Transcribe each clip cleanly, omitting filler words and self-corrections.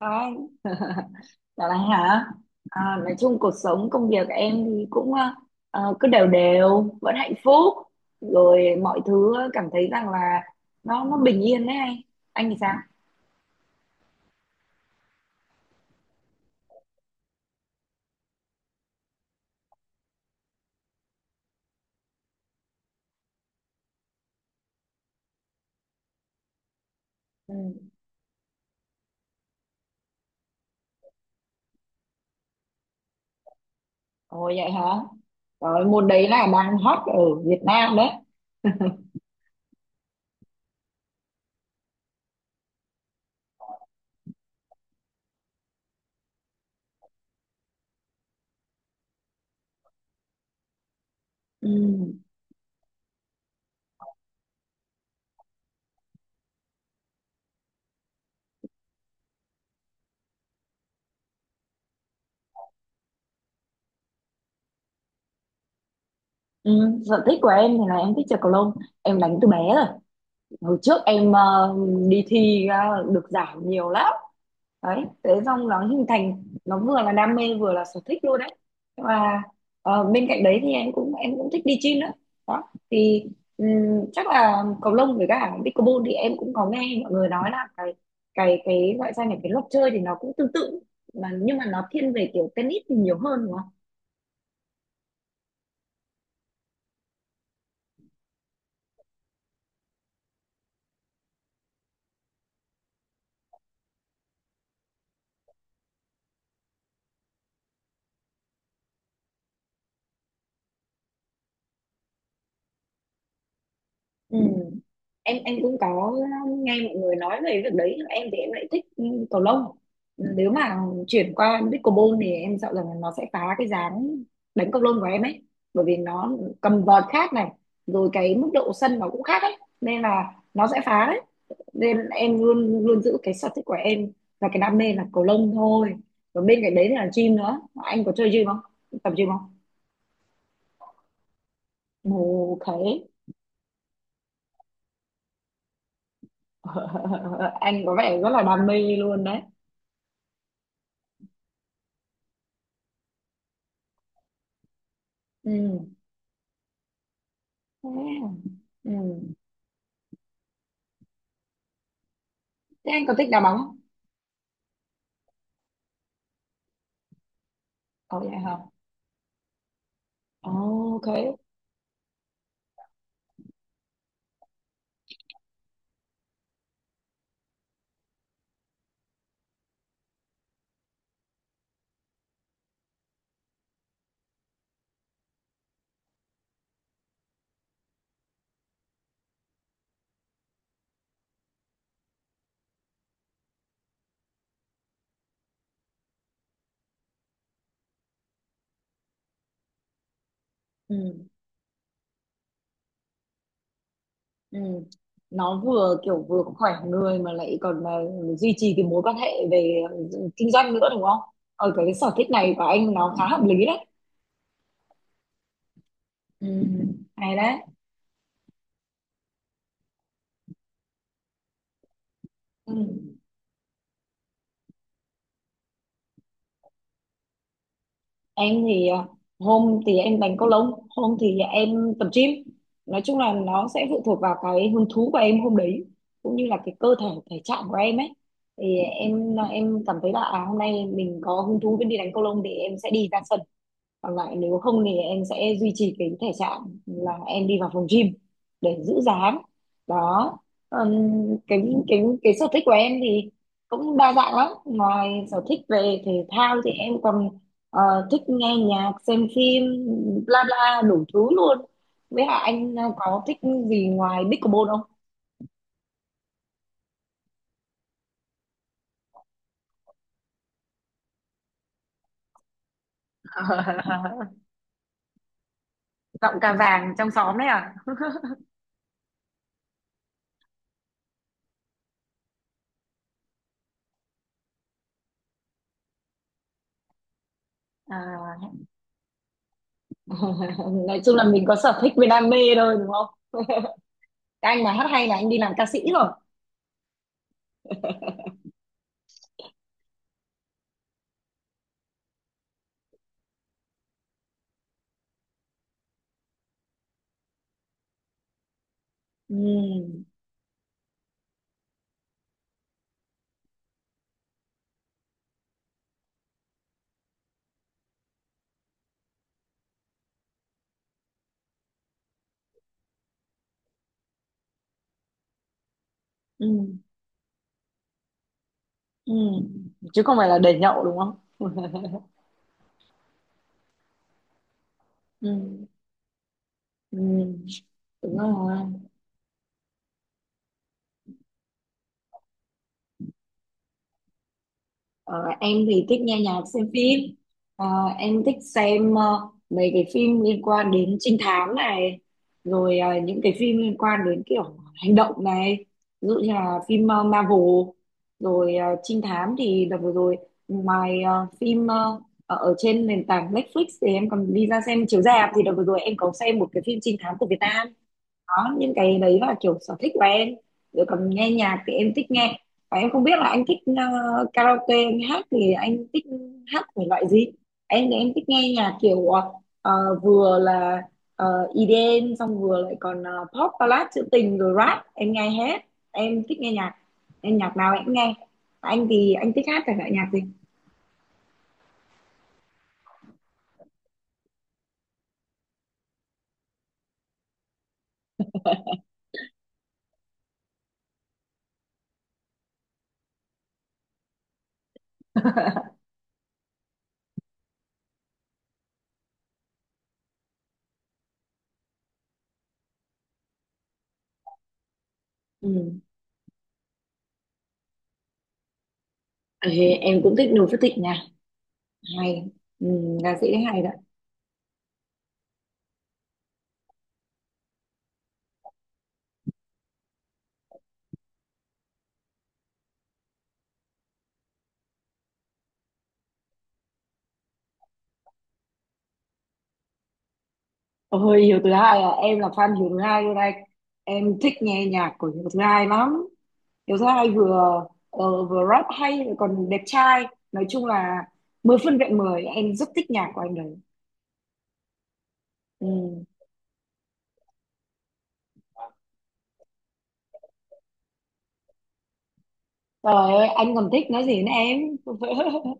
Ai, dạo này hả? À, nói chung cuộc sống công việc em thì cũng cứ đều đều vẫn hạnh phúc rồi mọi thứ, cảm thấy rằng là nó bình yên đấy anh thì sao? Ừ. Ồ vậy hả? Rồi môn đấy là đang hot ở Việt Nam đấy. Ừ. Ừ. Sở thích của em thì là em thích chơi cầu lông, em đánh từ bé rồi. Hồi trước em đi thi được giải nhiều lắm đấy, thế xong nó hình thành nó vừa là đam mê vừa là sở thích luôn đấy. Nhưng mà bên cạnh đấy thì em cũng thích đi gym nữa đó. Thì ừm, chắc là cầu lông với cả pickleball thì em cũng có nghe mọi người nói là cái gọi ra là cái luật chơi thì nó cũng tương tự, mà nhưng mà nó thiên về kiểu tennis thì nhiều hơn đúng không? Ừ. Em cũng có, nghe mọi người nói về việc đấy, nhưng em thì em lại thích, cầu lông. Nếu mà chuyển qua pickleball thì em sợ rằng nó sẽ phá cái dáng đánh cầu lông của em ấy, bởi vì nó, cầm vợt khác này, rồi cái mức độ sân nó cũng khác ấy nên là nó sẽ phá đấy. Nên em luôn luôn giữ cái sở thích của em và cái đam mê là cầu lông thôi. Và bên cạnh đấy thì là gym nữa, anh có chơi gym không, tập gym không? Ok. Anh có vẻ rất là đam mê luôn đấy. Ừ. À, ừ. Thế anh có thích đá bóng không? Có vậy hả? Oh, ok. Ừ, ừ. Nó vừa kiểu vừa khỏe người mà lại còn, duy trì cái mối quan hệ về, kinh doanh nữa đúng không? Ở cái sở thích này của anh nó khá hợp lý đấy. Ừ, hay đấy. Ừ. Em thì hôm thì em đánh cầu lông, hôm thì em tập gym. Nói chung là nó sẽ phụ thuộc vào cái hứng thú của em hôm đấy, cũng như là cái cơ thể thể trạng của em ấy. Thì em cảm thấy là à, hôm nay mình có hứng thú với đi đánh cầu lông thì em sẽ đi ra sân, còn lại nếu không thì em sẽ duy trì cái thể trạng là em đi vào phòng gym để giữ dáng đó. Ừm, cái cái sở thích của em thì cũng đa dạng lắm. Ngoài sở thích về thể thao thì em còn ờ, thích nghe nhạc, xem phim, bla bla đủ thứ luôn. Với hả anh, có thích gì ngoài pickleball không? Giọng cà vàng trong xóm đấy à? À. Nói chung là mình có sở thích với đam mê thôi đúng không? Các anh mà hát hay là anh đi làm ca sĩ rồi. Ừ. Ừ. Ừ, chứ không phải là để nhậu đúng không? Ừ. Ừ. Đúng rồi. ờ, em thì thích nghe nhạc, xem phim. Ờ, em thích xem mấy cái phim liên quan đến trinh thám này, rồi những cái phim liên quan đến kiểu hành động này, ví dụ như là phim Marvel. Rồi trinh thám thì đợt vừa rồi, ngoài ở ở trên nền tảng Netflix thì em còn đi ra xem chiếu rạp. Thì đợt vừa rồi em có xem một cái phim trinh thám của Việt Nam đó, những cái đấy là kiểu sở thích của em. Rồi còn nghe nhạc thì em thích nghe, và em không biết là anh thích, karaoke anh hát thì anh thích hát thể loại gì. Em thì em thích nghe nhạc kiểu ờ, vừa là ờ, EDM, xong vừa lại còn pop ballad trữ tình, rồi rap em nghe hết. Em thích nghe nhạc, em nhạc nào em cũng nghe. Anh thì anh thích hát thể loại nhạc gì? Ừ. Ê, em cũng thích Noo Phước Thịnh nha. Hay. Ừ, ca sĩ đấy hay đó. Ôi, Hiếu Thứ Hai à, em là fan Hiếu Thứ Hai luôn anh. Em thích nghe nhạc của Hiếu Thứ Hai lắm. Hiếu Thứ Hai vừa, vừa rap hay lại còn đẹp trai. Nói chung là 10 phân vẹn 10, em rất thích nhạc của anh đấy. Ừ. Trời ơi, anh còn thích nói gì nữa em.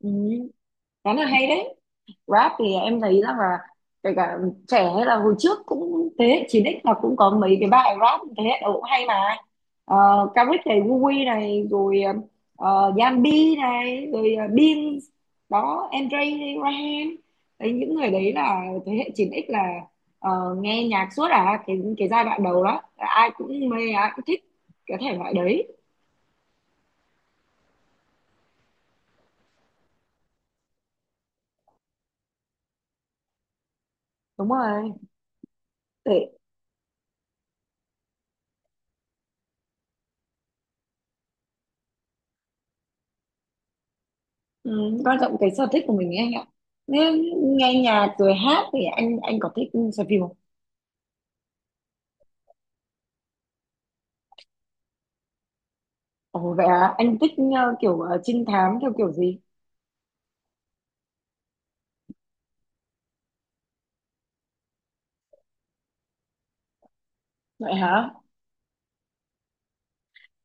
Ừ, khá là hay đấy. Rap thì em thấy rằng là kể cả trẻ hay là hồi trước cũng thế hệ 9x là cũng có mấy cái bài rap thế hệ đầu cũng hay mà. Uh, Caric này, Vui này, rồi Yambi này, rồi Beans đó, Andre, Ryan. Đấy những người đấy là thế hệ 9x là nghe nhạc suốt à. Cái giai đoạn đầu đó là ai cũng mê ai cũng thích cái thể loại đấy. Đúng rồi. Thế. Ừ, quan trọng cái sở thích của mình ấy anh ạ. Nếu nghe nhạc rồi hát thì anh có thích xem phim không? Ồ vậy à, anh thích kiểu trinh thám theo kiểu gì? Vậy hả?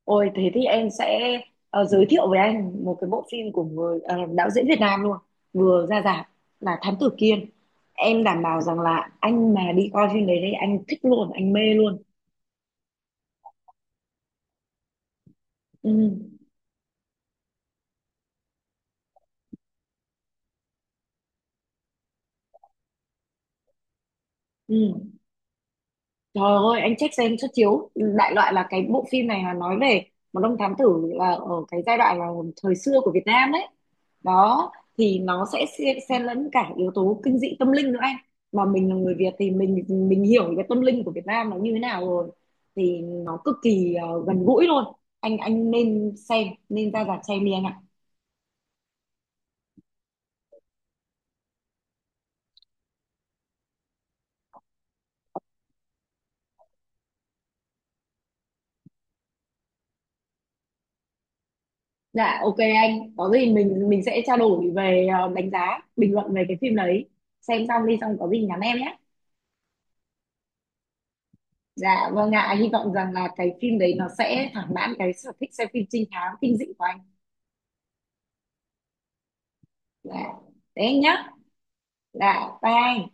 Ôi thế thì em sẽ giới thiệu với anh một cái bộ phim của người đạo diễn Việt Nam luôn, vừa ra rạp, là Thám Tử Kiên. Em đảm bảo rằng là anh mà đi coi phim đấy thì anh thích luôn, anh mê luôn. Ừ, ừ. Trời ơi, anh check xem xuất chiếu. Đại loại là cái bộ phim này là nói về một ông thám tử là ở cái giai đoạn là thời xưa của Việt Nam ấy. Đó, thì nó sẽ xen xen lẫn cả yếu tố kinh dị tâm linh nữa anh. Mà mình là người Việt thì mình hiểu cái tâm linh của Việt Nam nó như thế nào rồi. Thì nó cực kỳ gần gũi luôn. Anh nên xem, nên ra rạp xem đi anh ạ. Dạ, ok anh. Có gì mình sẽ trao đổi về đánh giá, bình luận về cái phim đấy. Xem xong đi xong có gì nhắn em nhé. Dạ vâng ạ, hy vọng rằng là cái phim đấy nó sẽ thỏa mãn cái sở thích xem phim trinh thám kinh dị của anh. Dạ, thế nhá. Dạ, bye anh.